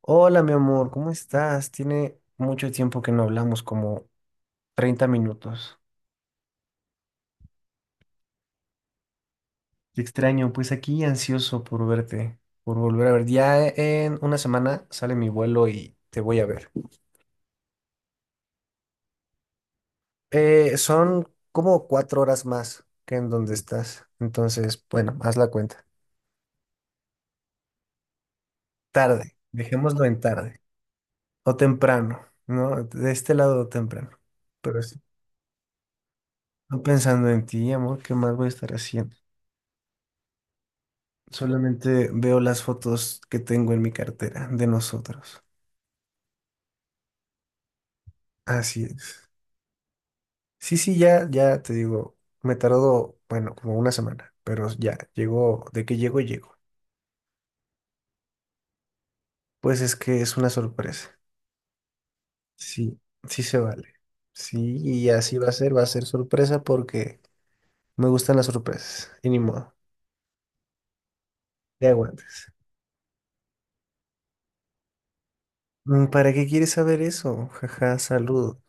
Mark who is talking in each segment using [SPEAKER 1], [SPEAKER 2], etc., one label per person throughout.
[SPEAKER 1] Hola, mi amor, ¿cómo estás? Tiene mucho tiempo que no hablamos, como 30 minutos. Te extraño, pues aquí ansioso por verte, por volver a ver. Ya en una semana sale mi vuelo y te voy a ver. Son como 4 horas más que en donde estás. Entonces, bueno, haz la cuenta. Tarde, dejémoslo en tarde. O temprano, ¿no? De este lado temprano. Pero sí, no pensando en ti, amor, ¿qué más voy a estar haciendo? Solamente veo las fotos que tengo en mi cartera de nosotros. Así es. Sí, sí, ya, ya te digo, me tardó, bueno, como una semana, pero ya llegó, de que llego, llego. Pues es que es una sorpresa. Sí, sí se vale. Sí, y así va a ser, sorpresa porque me gustan las sorpresas. Y ni modo, te aguantes. ¿Para qué quieres saber eso? Jaja, saludo.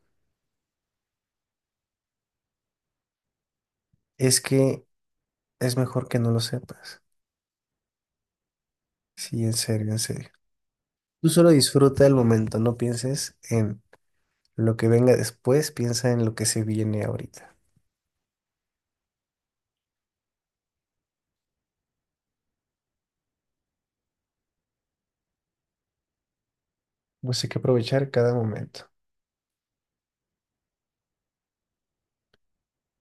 [SPEAKER 1] Es que es mejor que no lo sepas. Sí, en serio, en serio. Tú solo disfruta el momento, no pienses en lo que venga después, piensa en lo que se viene ahorita. Pues hay que aprovechar cada momento.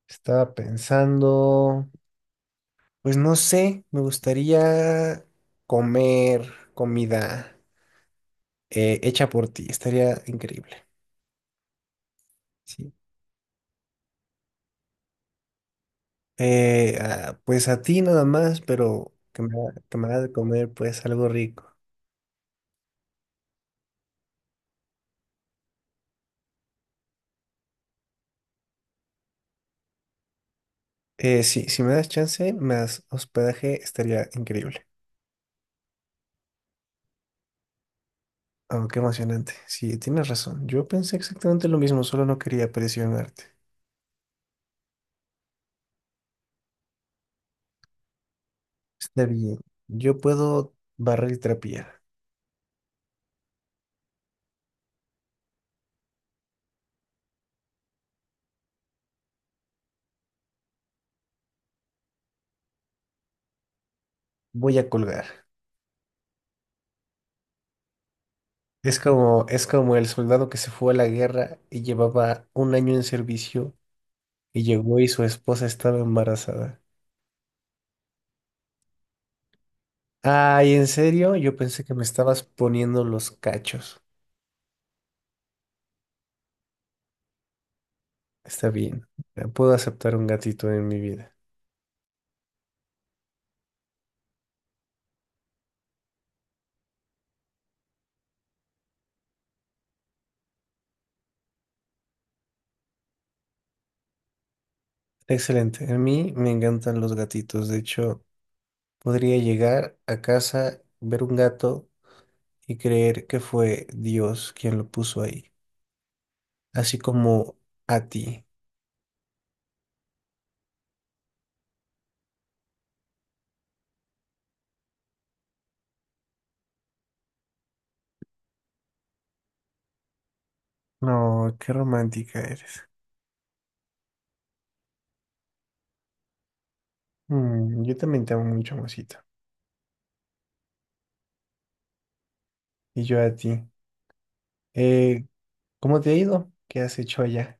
[SPEAKER 1] Estaba pensando, pues no sé, me gustaría comer comida hecha por ti, estaría increíble. Sí. Ah, pues a ti nada más, pero que me hagas de comer pues algo rico. Sí, si me das chance, me das hospedaje, estaría increíble. Oh, qué emocionante. Sí, tienes razón. Yo pensé exactamente lo mismo, solo no quería presionarte. Está bien. Yo puedo barrer y trapear. Voy a colgar. Es como el soldado que se fue a la guerra y llevaba un año en servicio y llegó y su esposa estaba embarazada. Ay, ¿en serio? Yo pensé que me estabas poniendo los cachos. Está bien. Puedo aceptar un gatito en mi vida. Excelente. A mí me encantan los gatitos. De hecho, podría llegar a casa, ver un gato y creer que fue Dios quien lo puso ahí, así como a ti. No, qué romántica eres. Yo también te amo mucho, mosita. Y yo a ti. Eh, ¿Cómo te ha ido? ¿Qué has hecho allá?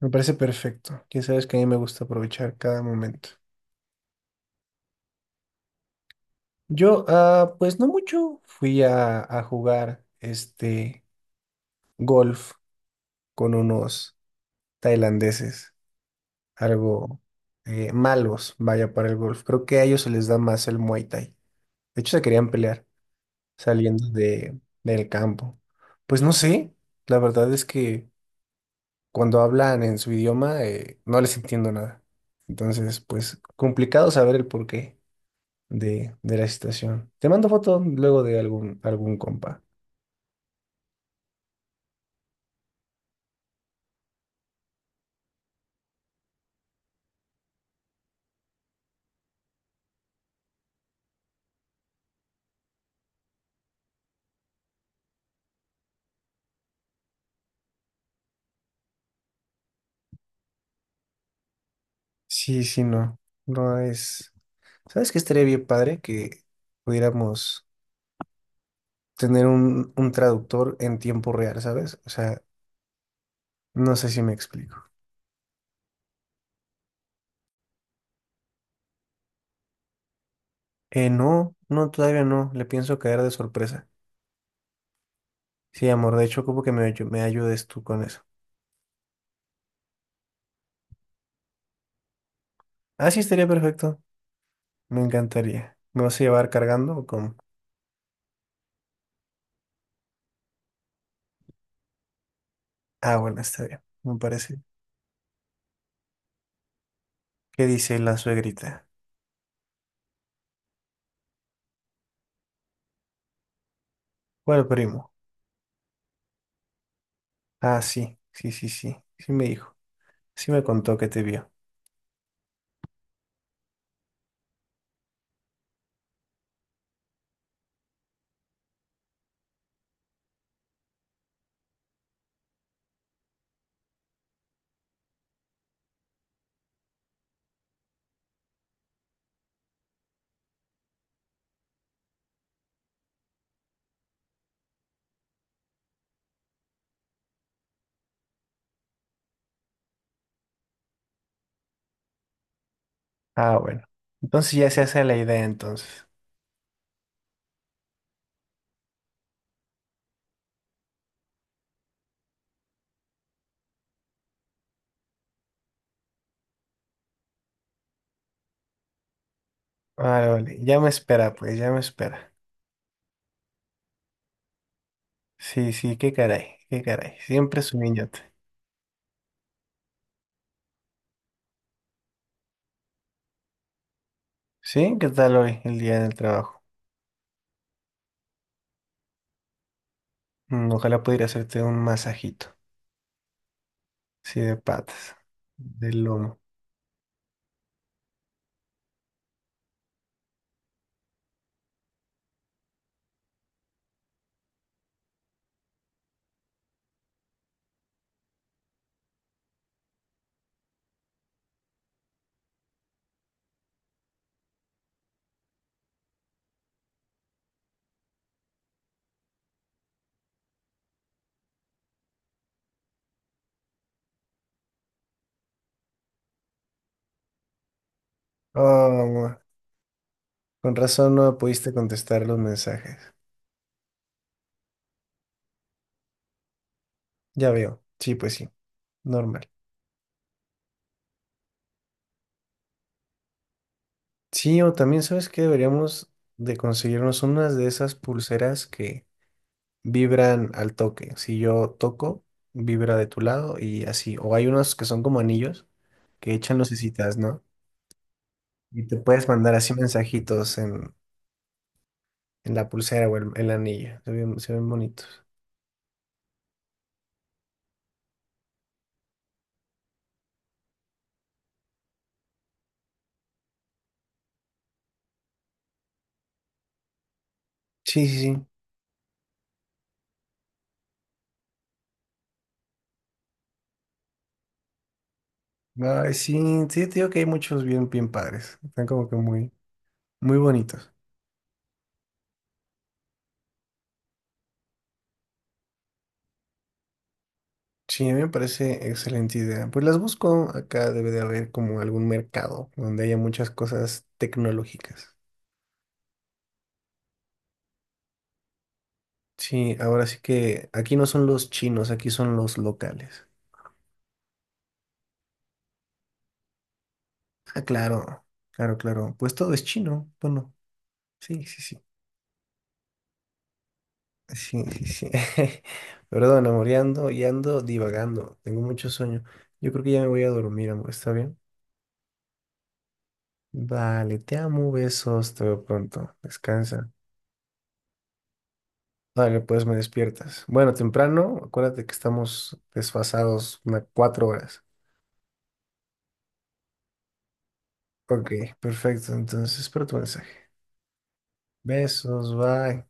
[SPEAKER 1] Me parece perfecto. Ya sabes que a mí me gusta aprovechar cada momento. Yo, ah, pues no mucho. Fui a jugar este golf con unos tailandeses, algo malos, vaya, para el golf. Creo que a ellos se les da más el Muay Thai. De hecho, se querían pelear saliendo del campo. Pues no sé, la verdad es que cuando hablan en su idioma no les entiendo nada. Entonces, pues complicado saber el porqué de la situación. Te mando foto luego de algún compa. Sí, sí, no. No es. ¿Sabes qué estaría bien padre que pudiéramos tener un traductor en tiempo real, sabes? O sea, no sé si me explico. No, no, todavía no, le pienso caer de sorpresa. Sí, amor, de hecho, como que me ayudes tú con eso. Ah, sí, estaría perfecto, me encantaría. ¿Me vas a llevar cargando o cómo? Ah, bueno, está bien, me parece. ¿Qué dice la suegrita? ¿Cuál primo? Ah, sí, sí, sí, sí, sí me dijo, sí me contó que te vio. Ah, bueno, entonces ya se hace la idea entonces. Vale, vale, ya me espera, pues, ya me espera. Sí, sí, qué caray, qué caray. Siempre es un niñote. ¿Sí? ¿Qué tal hoy, el día del trabajo? Ojalá pudiera hacerte un masajito. Sí, de patas, del lomo. Oh, amor, con razón no me pudiste contestar los mensajes. Ya veo. Sí, pues sí, normal. Sí, o también sabes que deberíamos de conseguirnos unas de esas pulseras que vibran al toque. Si yo toco, vibra de tu lado y así. O hay unos que son como anillos que echan lucecitas, ¿no? Y te puedes mandar así mensajitos en la pulsera o en, la anilla. Se ven bonitos. Sí, sí, sí. Ay, sí, sí, te digo que hay muchos bien, bien padres. Están como que muy, muy bonitos. Sí, a mí me parece excelente idea. Pues las busco. Acá debe de haber como algún mercado donde haya muchas cosas tecnológicas. Sí, ahora sí que aquí no son los chinos, aquí son los locales. Ah, claro, claro, claro. Pues todo es chino. Bueno, sí, sí, sí. Sí, sí, sí. Perdón, amor, ya ando divagando. Tengo mucho sueño. Yo creo que ya me voy a dormir, amor. ¿Está bien? Vale, te amo, besos. Te veo pronto. Descansa. Vale, pues me despiertas. Bueno, temprano, acuérdate que estamos desfasados unas 4 horas. Ok, perfecto. Entonces espero tu mensaje. Besos, bye.